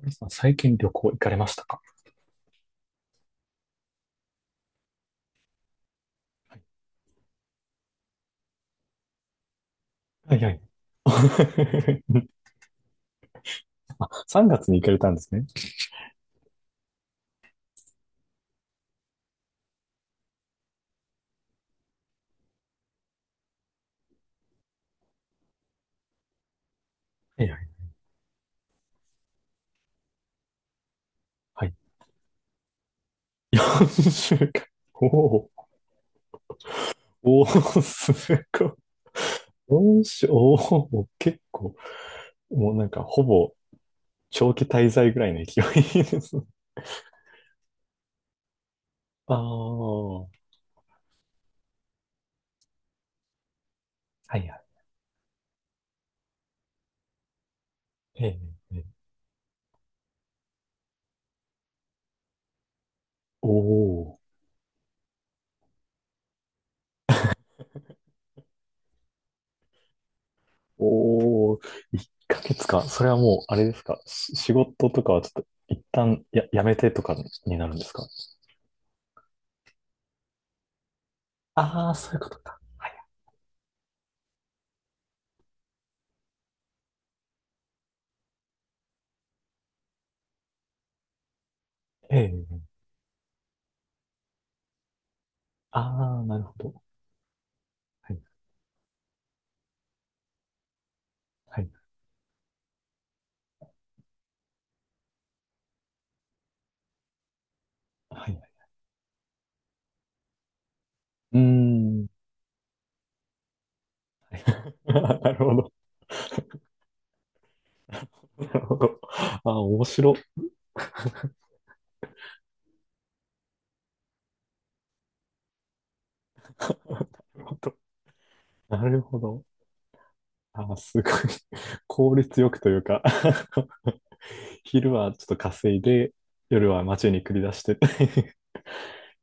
皆さん最近旅行行かれましたか？はいはい。あ、3月に行かれたんですね。はいはい。はい。4週間。おーおー、すごい。4週、おお、結構、もうなんかほぼ長期滞在ぐらいの勢いです。ああ、はいはい。ええ、ええおおお、1ヶ月か。それはもう、あれですか。仕事とかはちょっと、一旦やめてとかになるんですか？ああー、そういうことか。はい。ええ。ああ、なるほど。はい、はい、はい。うーん。なるほど。なるほど。ああ、面白。なるほど。なるほど。ああ、すごい。効率よくというか 昼はちょっと稼いで、夜は街に繰り出して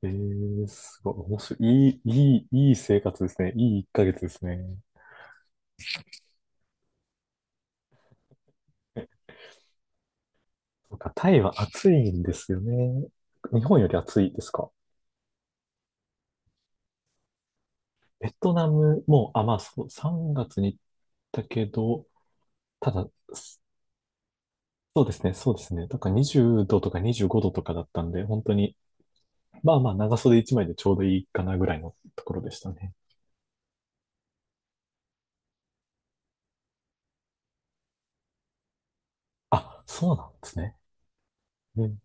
ええすごい、面白い。いい、いい、いい生活ですね。いい1ヶ月ですね。そうか、タイは暑いんですよね。日本より暑いですか？ベトナムも、あ、まあそう、3月に行ったけど、ただ、すそうですね、そうですね。だから20度とか25度とかだったんで、本当に、まあまあ長袖1枚でちょうどいいかなぐらいのところでしたね。あ、そうなんですね。うん、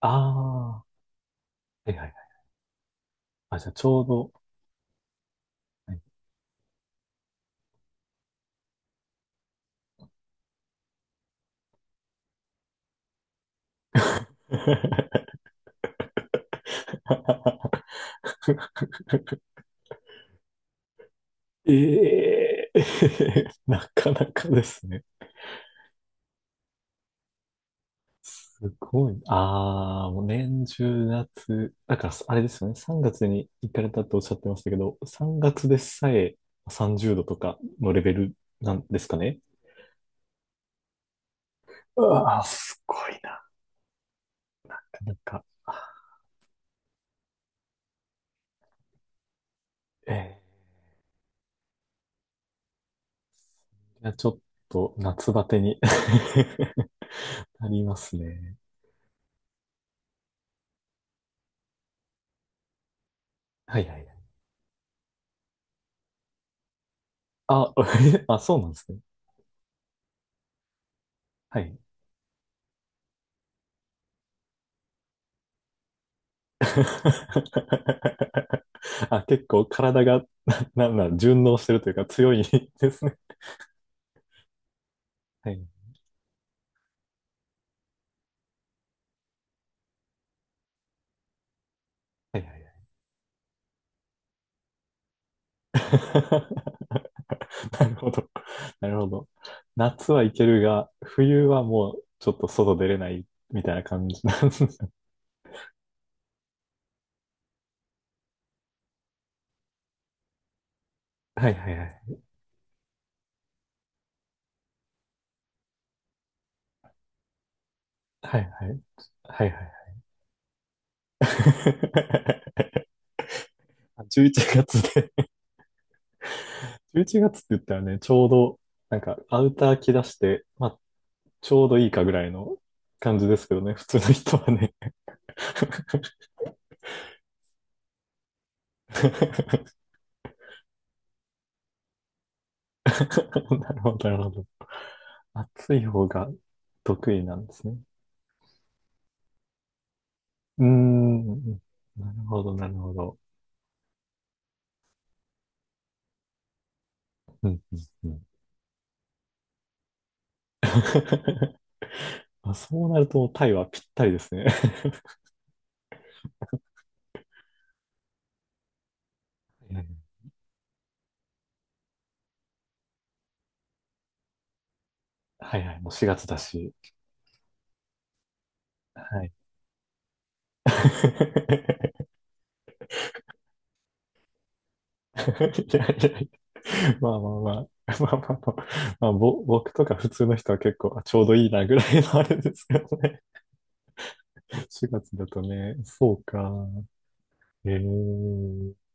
ああ、はいはいはい。あ、じゃあちょうど、はい ええ なかなかですね。すごい。ああ、もう年中夏。だから、あれですよね。3月に行かれたっておっしゃってましたけど、3月でさえ30度とかのレベルなんですかね。うわあ、すごいな。なんか、ええいや、ちょっと夏バテに なりますね。はいはいはい。あ、あ、そうなんですね。はい。あ、結構体が、な、なんなん、順応してるというか強いですね。はい。はいはいはい。なるほど。なるほど。夏はいけるが、冬はもうちょっと外出れないみたいな感じなんですね。はいはいはい。はいはい。はいはいはい。あ11月で11月って言ったらね、ちょうど、なんか、アウター着出して、まあちょうどいいかぐらいの感じですけどね、普通の人はね。なるほど、なるほど。暑い方が得意なんですね。うーん、なるほど、なるほど。うん、うん、うん。あそうなると、タイはぴったりですね。うんはいはい、もう4月だし。はい。いやいやいやまあまあまあ。まあまあまあ、まあ僕とか普通の人は結構あちょうどいいなぐらいのあれですけどね。4月だとね、そうか。ええ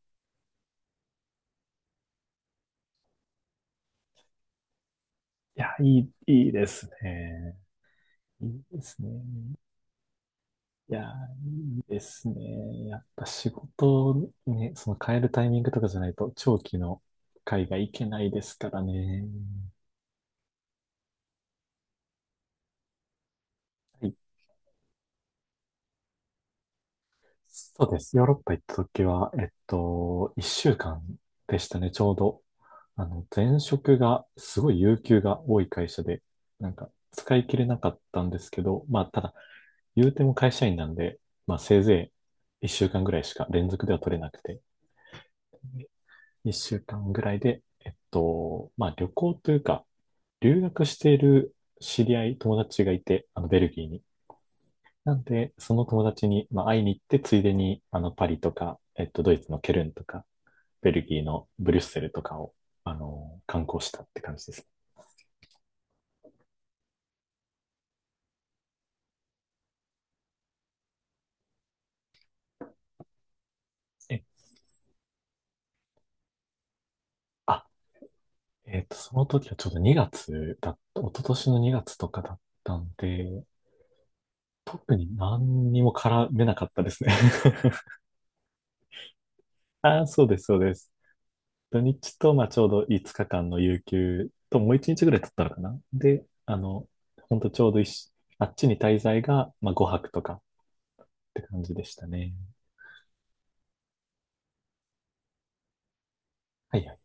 いや、いい、いいですね。いいですね。いや、いいですね。やっぱ仕事ね、その変えるタイミングとかじゃないと長期の海外行けないですからね。はい。そうです。ヨーロッパ行った時は、1週間でしたね、ちょうど。前職がすごい有給が多い会社で、なんか使い切れなかったんですけど、まあ、ただ言うても会社員なんで、まあせいぜい1週間ぐらいしか連続では取れなくて、1週間ぐらいで、まあ旅行というか、留学している知り合い、友達がいて、あのベルギーに。なんで、その友達に、まあ、会いに行って、ついでに、パリとか、ドイツのケルンとか、ベルギーのブリュッセルとかを、観光したって感じですね。え、あ、えっと、その時はちょうど2月だった、一昨年の2月とかだったんで、特に何にも絡めなかったですね ああそうです、そうです。土日と、まあ、ちょうど5日間の有給と、もう1日ぐらい取ったのかなで、ほんとちょうどいしあっちに滞在が、まあ、5泊とかって感じでしたね。はいはい。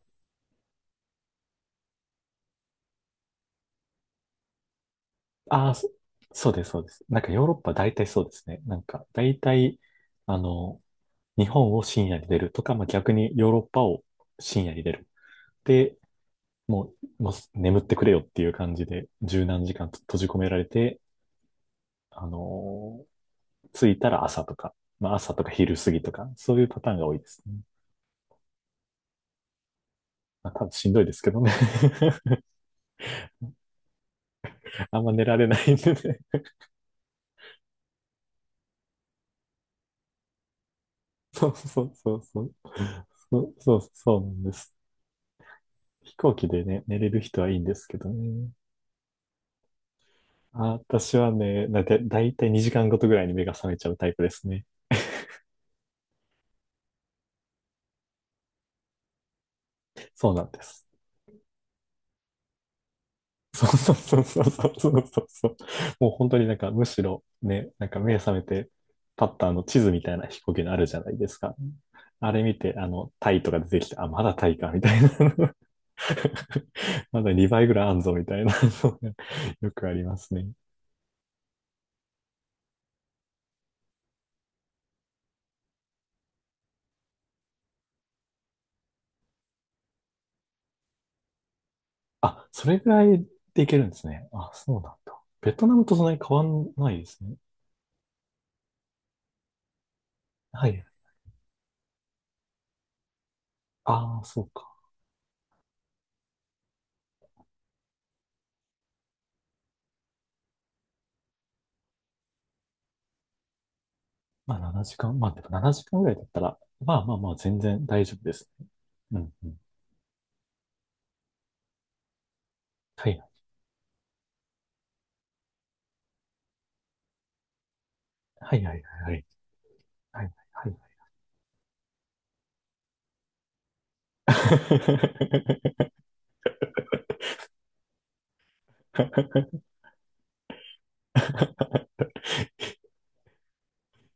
ああ、そうです、そうです。なんかヨーロッパ大体そうですね。なんか大体、あの、日本を深夜に出るとか、まあ、逆にヨーロッパを深夜に出る。で、ももう眠ってくれよっていう感じで、十何時間と閉じ込められて、あのー着いたら朝とか、まあ朝とか昼過ぎとか、そういうパターンが多いですね。まあ多分しんどいですけどね。あんま寝られないんでね。そうそうそうそう。そうそうそうなんです。飛行機でね、寝れる人はいいんですけどね。あ、私はね、だいたい2時間ごとぐらいに目が覚めちゃうタイプですね。そうなんです。そうそうそうそうそうそうそう。もう本当になんかむしろね、なんか目覚めてパッターの地図みたいな飛行機のあるじゃないですか。あれ見て、タイとか出てきて、あ、まだタイか、みたいな。まだ2倍ぐらいあんぞ、みたいなのが よくありますね。あ、それぐらいでいけるんですね。あ、そうなんだ。ベトナムとそんなに変わんないですね。はい。ああ、そうか。まあ7時間、まあでも7時間ぐらいだったら、まあまあまあ全然大丈夫ですね。うんうん。はいはいはいはいはいはい。はいはい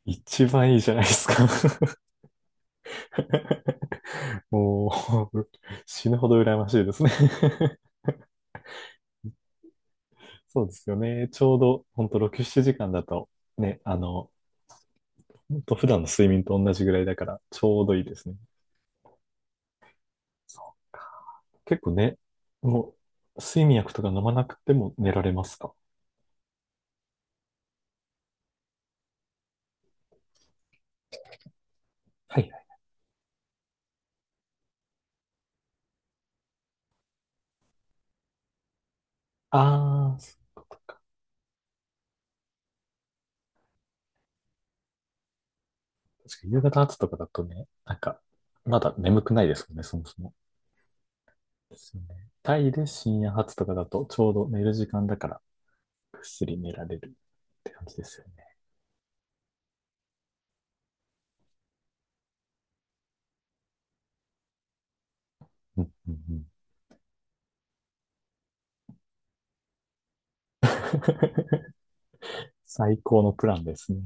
一番いいじゃないですか もう、死ぬほど羨ましいですね そうですよね。ちょうど、ほんと6、7時間だと、ね、ほんと普段の睡眠と同じぐらいだから、ちょうどいいですね。そう結構ね、もう、睡眠薬とか飲まなくても寝られますか？はいはい。ああ、そういうこと。確かに夕方後とかだとね、なんか、まだ眠くないですもんね、そもそも。ですよね。タイで深夜発とかだとちょうど寝る時間だからぐっすり寝られるって感じですよね。うんうんうん 最高のプランですね。